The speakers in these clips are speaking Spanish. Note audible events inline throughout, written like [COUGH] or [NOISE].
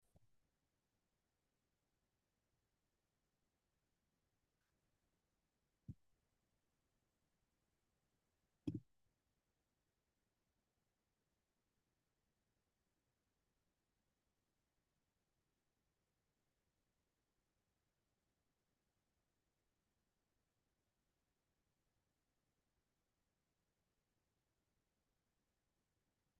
[LAUGHS]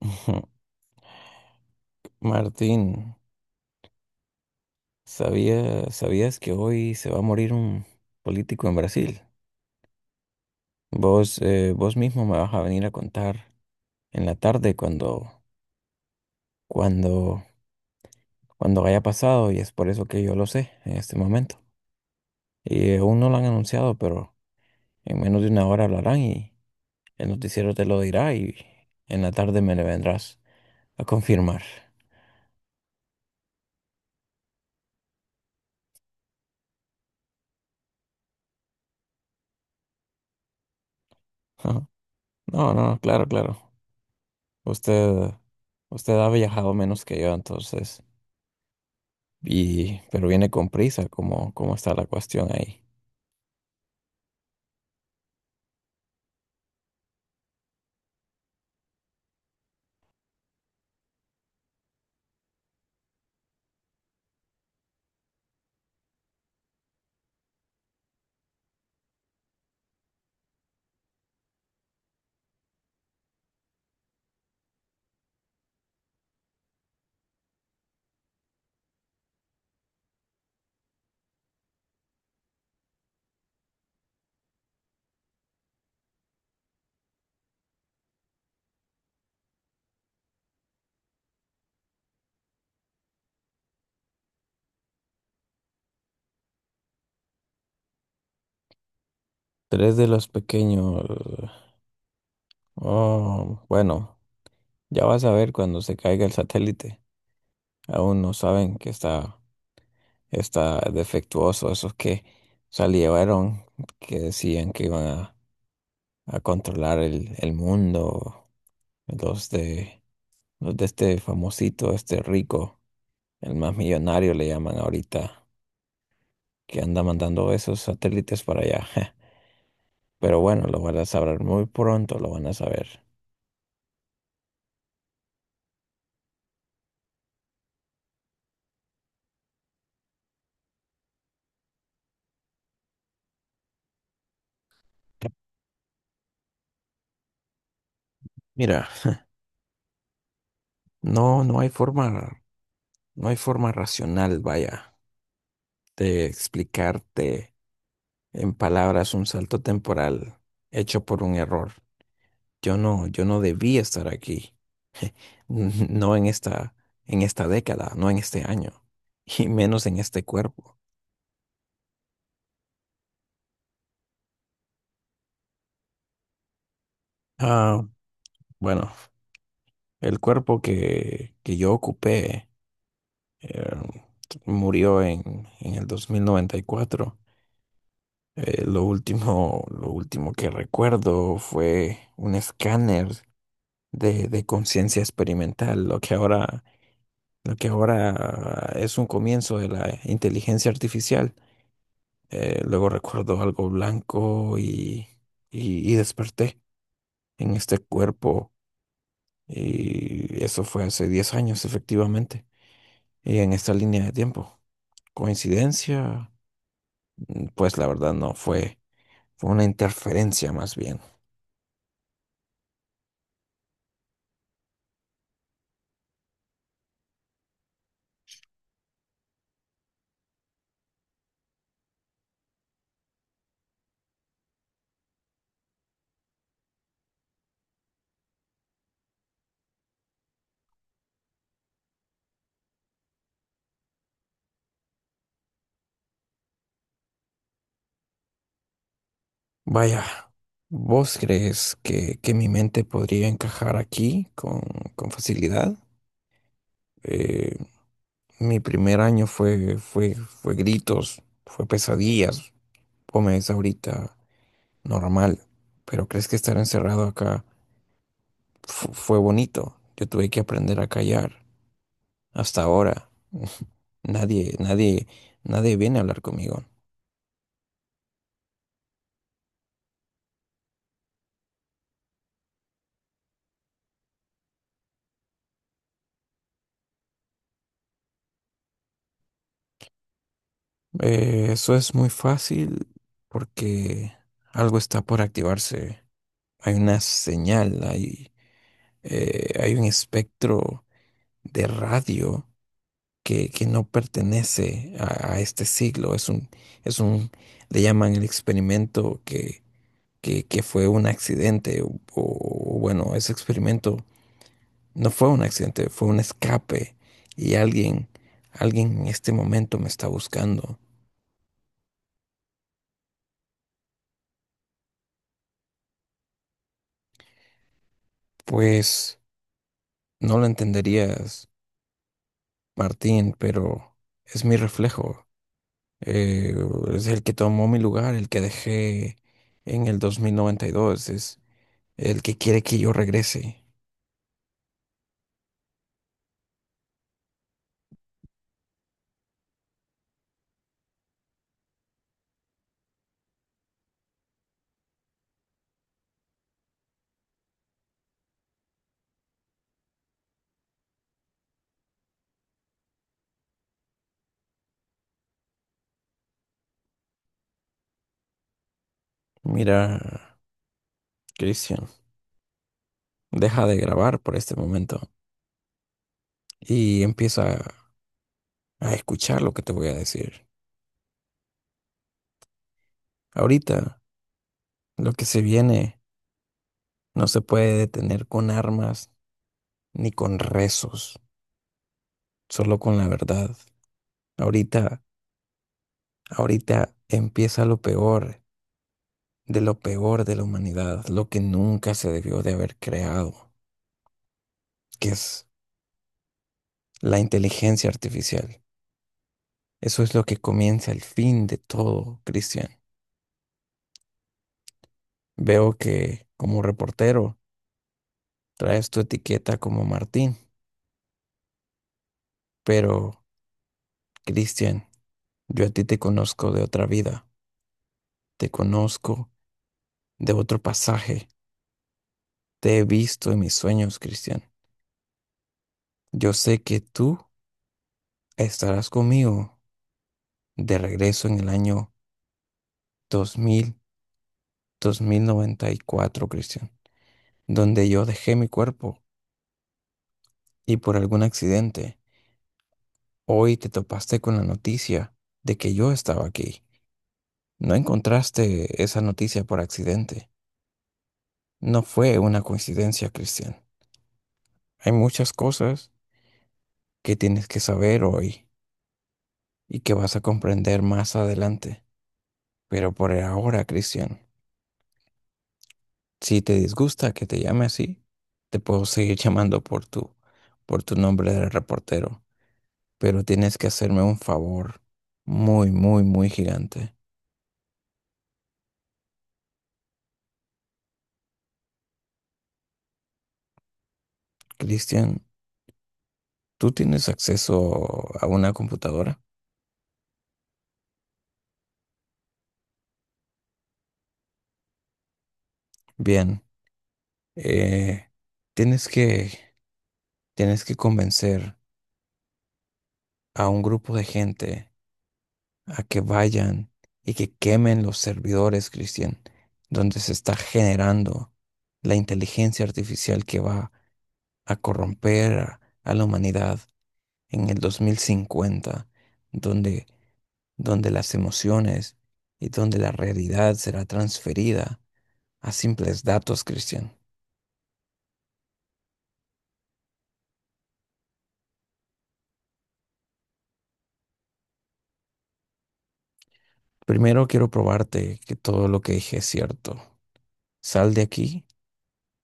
Ujú. Martín, ¿sabías que hoy se va a morir un político en Brasil? Vos, vos mismo me vas a venir a contar en la tarde cuando, cuando haya pasado, y es por eso que yo lo sé en este momento. Y aún no lo han anunciado, pero en menos de una hora hablarán y el noticiero te lo dirá, y en la tarde me le vendrás a confirmar. [LAUGHS] Ajá. No, no, claro, claro. Usted, usted ha viajado menos que yo entonces, y, pero viene con prisa. ¿Cómo, cómo está la cuestión ahí? Tres de los pequeños. Oh, bueno, ya vas a ver cuando se caiga el satélite. Aún no saben que está defectuoso, esos que salieron, que decían que iban a controlar el mundo, los de, los de este famosito, este rico, el más millonario le llaman ahorita, que anda mandando esos satélites para allá. [LAUGHS] Pero bueno, lo van a saber muy pronto, lo van a saber. Mira, no, no hay forma, no hay forma racional, vaya, de explicarte en palabras un salto temporal hecho por un error. Yo no debía estar aquí, [LAUGHS] no en esta, en esta década, no en este año, y menos en este cuerpo. Ah, bueno, el cuerpo que yo ocupé, eh, murió en el 2094. Lo último que recuerdo fue un escáner de conciencia experimental, lo que ahora es un comienzo de la inteligencia artificial. Luego recuerdo algo blanco y desperté en este cuerpo. Y eso fue hace 10 años, efectivamente, y en esta línea de tiempo. ¿Coincidencia? Mm, pues la verdad no, fue, fue una interferencia más bien. Vaya, ¿vos crees que mi mente podría encajar aquí con facilidad? Eh, mi primer año fue, fue gritos, fue pesadillas. Comes ahorita normal, pero ¿crees que estar encerrado acá fue bonito? Yo tuve que aprender a callar. Hasta ahora, [LAUGHS] nadie, nadie, nadie viene a hablar conmigo. Eso es muy fácil porque algo está por activarse. Hay una señal, hay, hay un espectro de radio que no pertenece a este siglo. Es un, le llaman el experimento que fue un accidente, o, bueno, ese experimento no fue un accidente, fue un escape y alguien, alguien en este momento me está buscando. Pues no lo entenderías, Martín, pero es mi reflejo. Eh, es el que tomó mi lugar, el que dejé en el 2092 es el que quiere que yo regrese. Mira, Cristian, deja de grabar por este momento y empieza a escuchar lo que te voy a decir. Ahorita, lo que se viene no se puede detener con armas ni con rezos, solo con la verdad. Ahorita, ahorita empieza lo peor de la humanidad, lo que nunca se debió de haber creado, que es la inteligencia artificial. Eso es lo que comienza el fin de todo, Cristian. Veo que como reportero traes tu etiqueta como Martín, pero Cristian, yo a ti te conozco de otra vida, te conozco de otro pasaje, te he visto en mis sueños, Cristian. Yo sé que tú estarás conmigo de regreso en el año dos mil noventa y cuatro, Cristian, donde yo dejé mi cuerpo, y por algún accidente, hoy te topaste con la noticia de que yo estaba aquí. No encontraste esa noticia por accidente. No fue una coincidencia, Cristian. Hay muchas cosas que tienes que saber hoy y que vas a comprender más adelante. Pero por ahora, Cristian, si te disgusta que te llame así, te puedo seguir llamando por tu nombre de reportero, pero tienes que hacerme un favor muy, muy, muy gigante. Cristian, ¿tú tienes acceso a una computadora? Bien, eh, tienes que, tienes que convencer a un grupo de gente a que vayan y que quemen los servidores, Cristian, donde se está generando la inteligencia artificial que va a corromper a la humanidad en el 2050, donde, donde las emociones y donde la realidad será transferida a simples datos, Cristian. Primero quiero probarte que todo lo que dije es cierto. Sal de aquí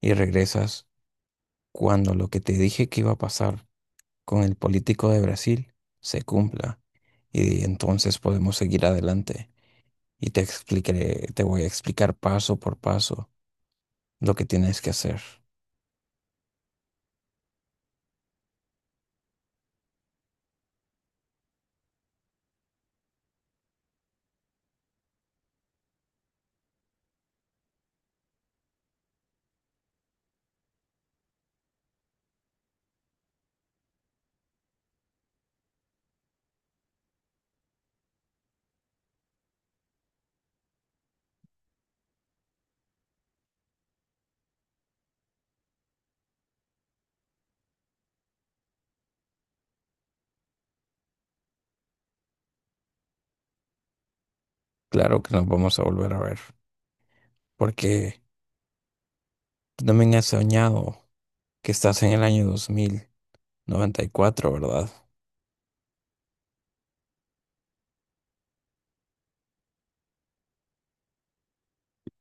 y regresas cuando lo que te dije que iba a pasar con el político de Brasil se cumpla, y entonces podemos seguir adelante y te explicaré, te voy a explicar paso por paso lo que tienes que hacer. Claro que nos vamos a volver a ver, porque tú también has soñado que estás en el año 2094, ¿verdad?